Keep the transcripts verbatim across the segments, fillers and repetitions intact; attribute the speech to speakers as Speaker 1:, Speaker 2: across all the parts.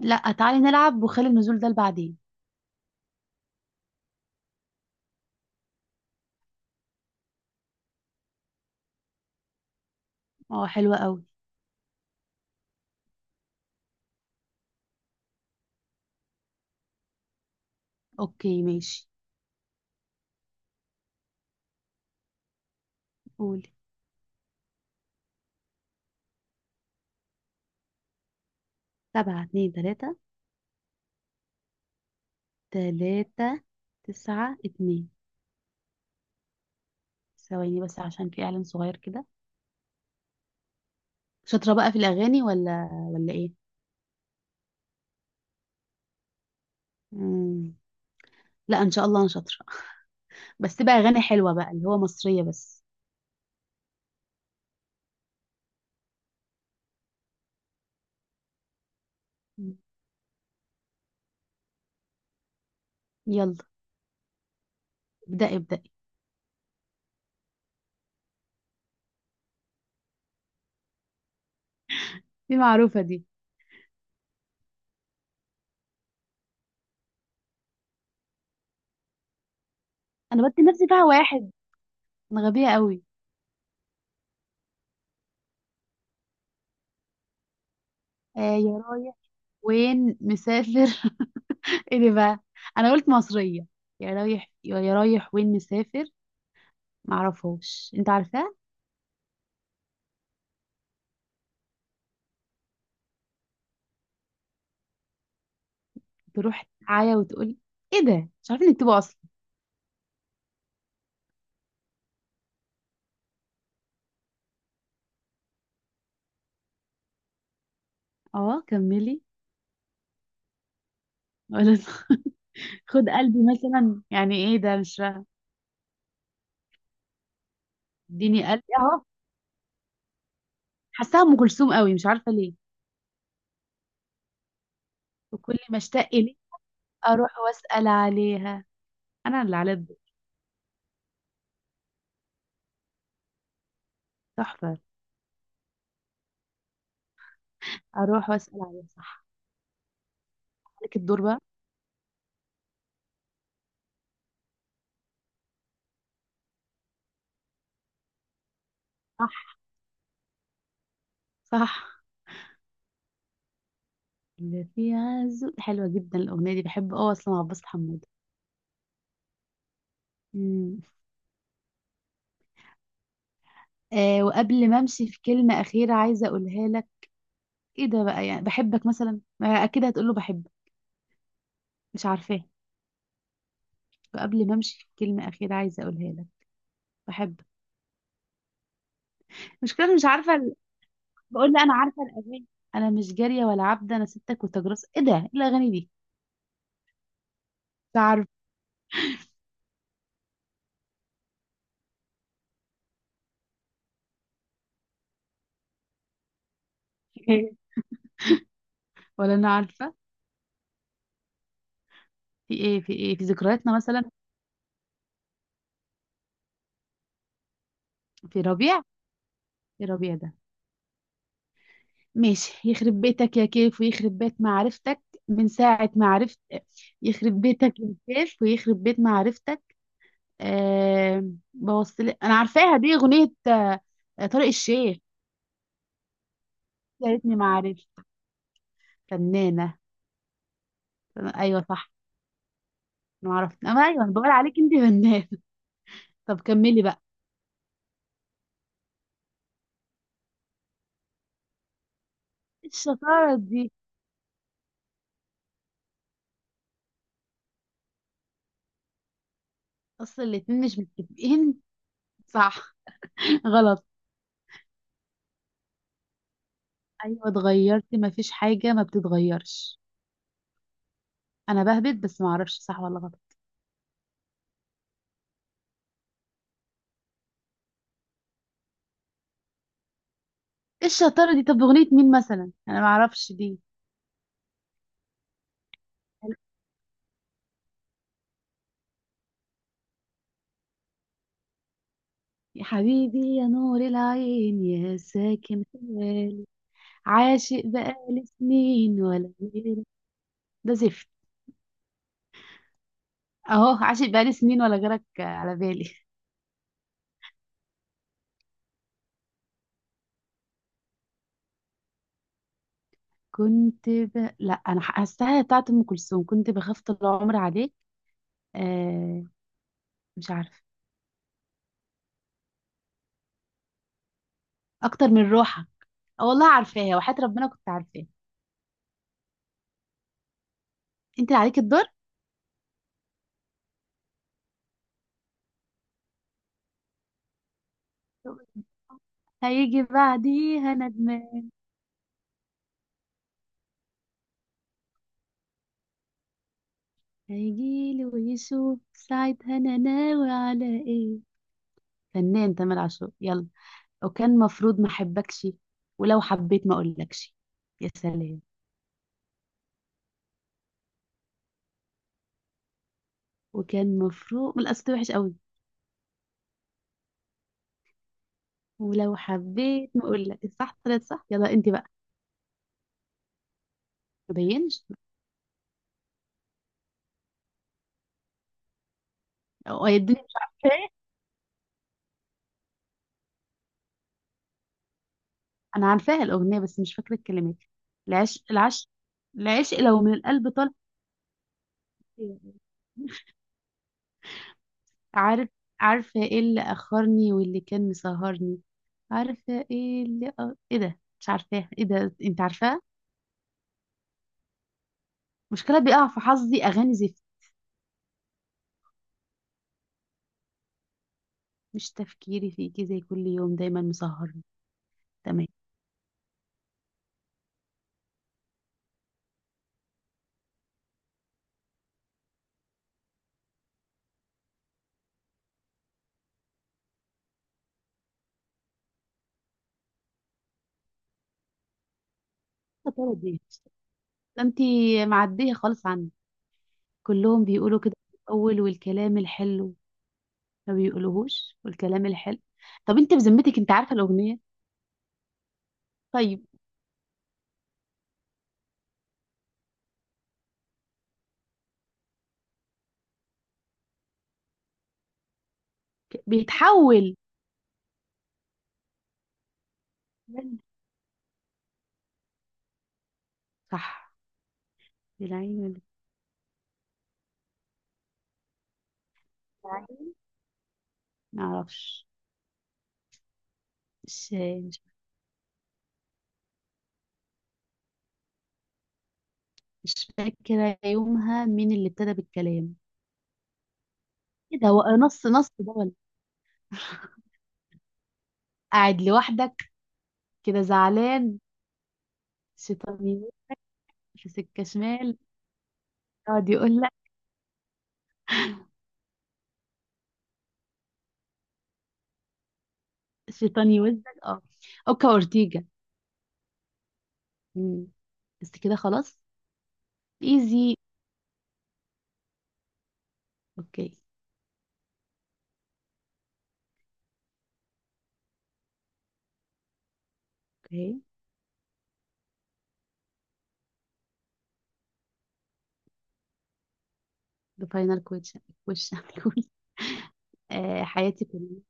Speaker 1: لا، تعالي نلعب وخلي النزول ده لبعدين. اه، حلوة قوي. اوكي ماشي. قولي. سبعة اتنين تلاتة. تلاتة تسعة اتنين. ثواني بس عشان في اعلان صغير كده. شاطرة بقى في الاغاني ولا ولا ايه؟ مم. لا ان شاء الله انا شاطرة. بس تبقى اغاني حلوة بقى، اللي هو مصرية بس. مم. يلا ابدأي ابدأي. دي معروفة دي. انا بدي نفسي فيها واحد. انا غبية قوي. آه، يا رايح وين مسافر؟ ايه ده بقى؟ انا قلت مصريه. يا رايح يا رايح وين مسافر. معرفهاش، انت عارفاه؟ تروح تعيا وتقول. ايه ده؟ مش عارفه انك تبقى اصلا. اه كملي. ولا خد قلبي مثلا، يعني ايه ده؟ مش فاهمه. اديني قلبي اهو. حاساها ام كلثوم قوي، مش عارفه ليه. وكل ما اشتاق ليه اروح واسال عليها. انا اللي على الدور. تحفه. اروح واسال عليها، صح. عليك الدور بقى. صح، صح. اللي في عزو، حلوه جدا الاغنيه دي، بحب اه اصلا عباس حمود. مم. آه، وقبل ما امشي في كلمة أخيرة عايزة اقولها لك. ايه ده بقى؟ يعني بحبك مثلا، ما اكيد هتقول له بحبك. مش عارفاه. وقبل ما امشي في كلمة أخيرة عايزة اقولها لك. بحبك. مشكلة، مش عارفة ال- بقول لي انا عارفة الأغاني. انا مش جارية ولا عبدة، انا ستك وتجرس. ايه ده؟ إيه الأغاني دي؟ مش عارفة. ولا انا عارفة. في ايه، في ايه، في ذكرياتنا مثلا. في ربيع. في ربيع ده. ماشي، يخرب بيتك يا كيف ويخرب بيت معرفتك من ساعة ما عرفت. يخرب بيتك يا كيف ويخرب بيت معرفتك. أه. بوصل، انا عارفاها دي اغنيه آه، طارق الشيخ. يا ريتني ما عرفت. فنانه. ايوه صح. انا ما عرفت اما ايوه، أنا بقول عليك انت فنانه. طب كملي بقى. إيه الشطاره دي؟ اصل الاتنين مش متفقين. صح. غلط. ايوه اتغيرتي، ما فيش حاجه ما بتتغيرش. انا بهبت بس، ما اعرفش صح ولا غلط. ايه الشطاره دي؟ طب اغنيه مين مثلا؟ انا ما اعرفش دي. يا حبيبي يا نور العين يا ساكن. عاشق بقالي سنين ولا غيرك. ده زفت. اهو، عاشق بقالي سنين ولا غيرك على بالي. كنت ب... لا، انا حاساها بتاعت ام كلثوم، كنت بخاف طول عمري عليك. آه. مش عارفه. اكتر من روحك. اه والله عارفاها، وحياة ربنا كنت عارفاها. انت اللي عليك الدور. هيجي بعديها ندمان. هيجيلي ويشوف ساعتها انا ناوي على ايه. فنان تامر عاشور، يلا. وكان مفروض ما احبكش. ولو حبيت ما اقولكش. يا سلام. وكان مفروض من الاساس، وحش قوي. ولو حبيت ما اقول لك، الصح طلعت صح، يلا انت بقى. ما بينش. او يا الدنيا مش عارفاه. انا عارفاها الاغنيه بس مش فاكره الكلمات. العش العش العشق لو من القلب طال. عارف. عارفه ايه اللي اخرني واللي كان مسهرني. عارفه ايه اللي أ... ايه ده؟ مش عارفاها. ايه ده انت عارفاها؟ مشكله بيقع في حظي اغاني زفت. مش تفكيري فيكي زي كل يوم دايما مسهرني. تمام. يا ترى دي؟ ده انتي معديه خالص عني. كلهم بيقولوا كده في الاول والكلام الحلو. ما بيقولوهوش والكلام الحلو. طب انت بذمتك انت عارفه الاغنيه؟ طيب، ك- بيتحول. صح. بالعين ولا بالعين. ما اعرفش. مش مش مش فاكره يومها مين اللي ابتدى بالكلام. كده هو نص نص ده ولا؟ قاعد لوحدك، كده زعلان. شيطان يمين، في سكه شمال، يقعد يقول لك. شيطان يوزك، اه. اوكا اورتيجا. مم. بس كده خلاص. ايزي. اوكي اوكي. The final question question. Cool. آه، حياتي كلها.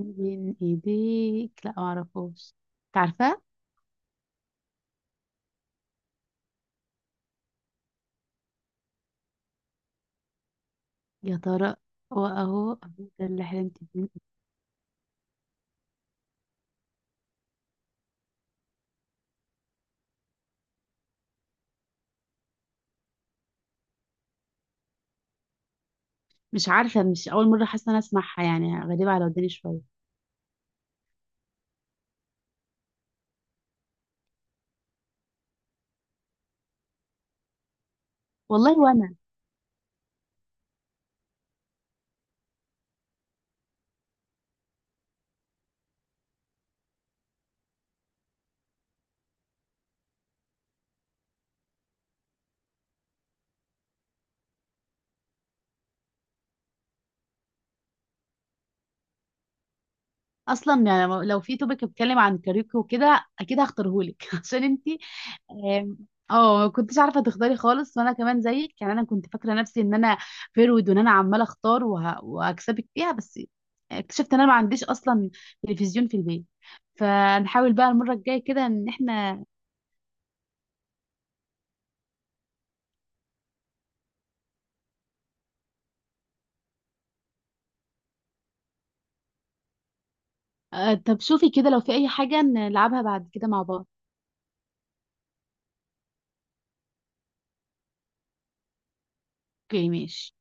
Speaker 1: بين ايديك. لا معرفوش. تعرفه؟ يا ترى. واهو أهو، ده اللي حلمت بيه. مش عارفه، مش اول مره حاسه انا اسمعها، يعني غريبه على وداني شويه. والله وانا اصلا، يعني لو في توبيك بيتكلم عن كاريوكي وكده اكيد هختارهولك، عشان انت. آم، اه، ما كنتش عارفه تختاري خالص. وانا كمان زيك، يعني انا كنت فاكره نفسي ان انا فيرود، وان انا عماله اختار وه... وهكسبك فيها، بس اكتشفت ان انا ما عنديش اصلا تلفزيون في البيت. فنحاول بقى المره الجايه كده ان احنا. آه، طب شوفي كده لو في اي حاجه نلعبها بعد كده مع بعض. اوكي ماشي.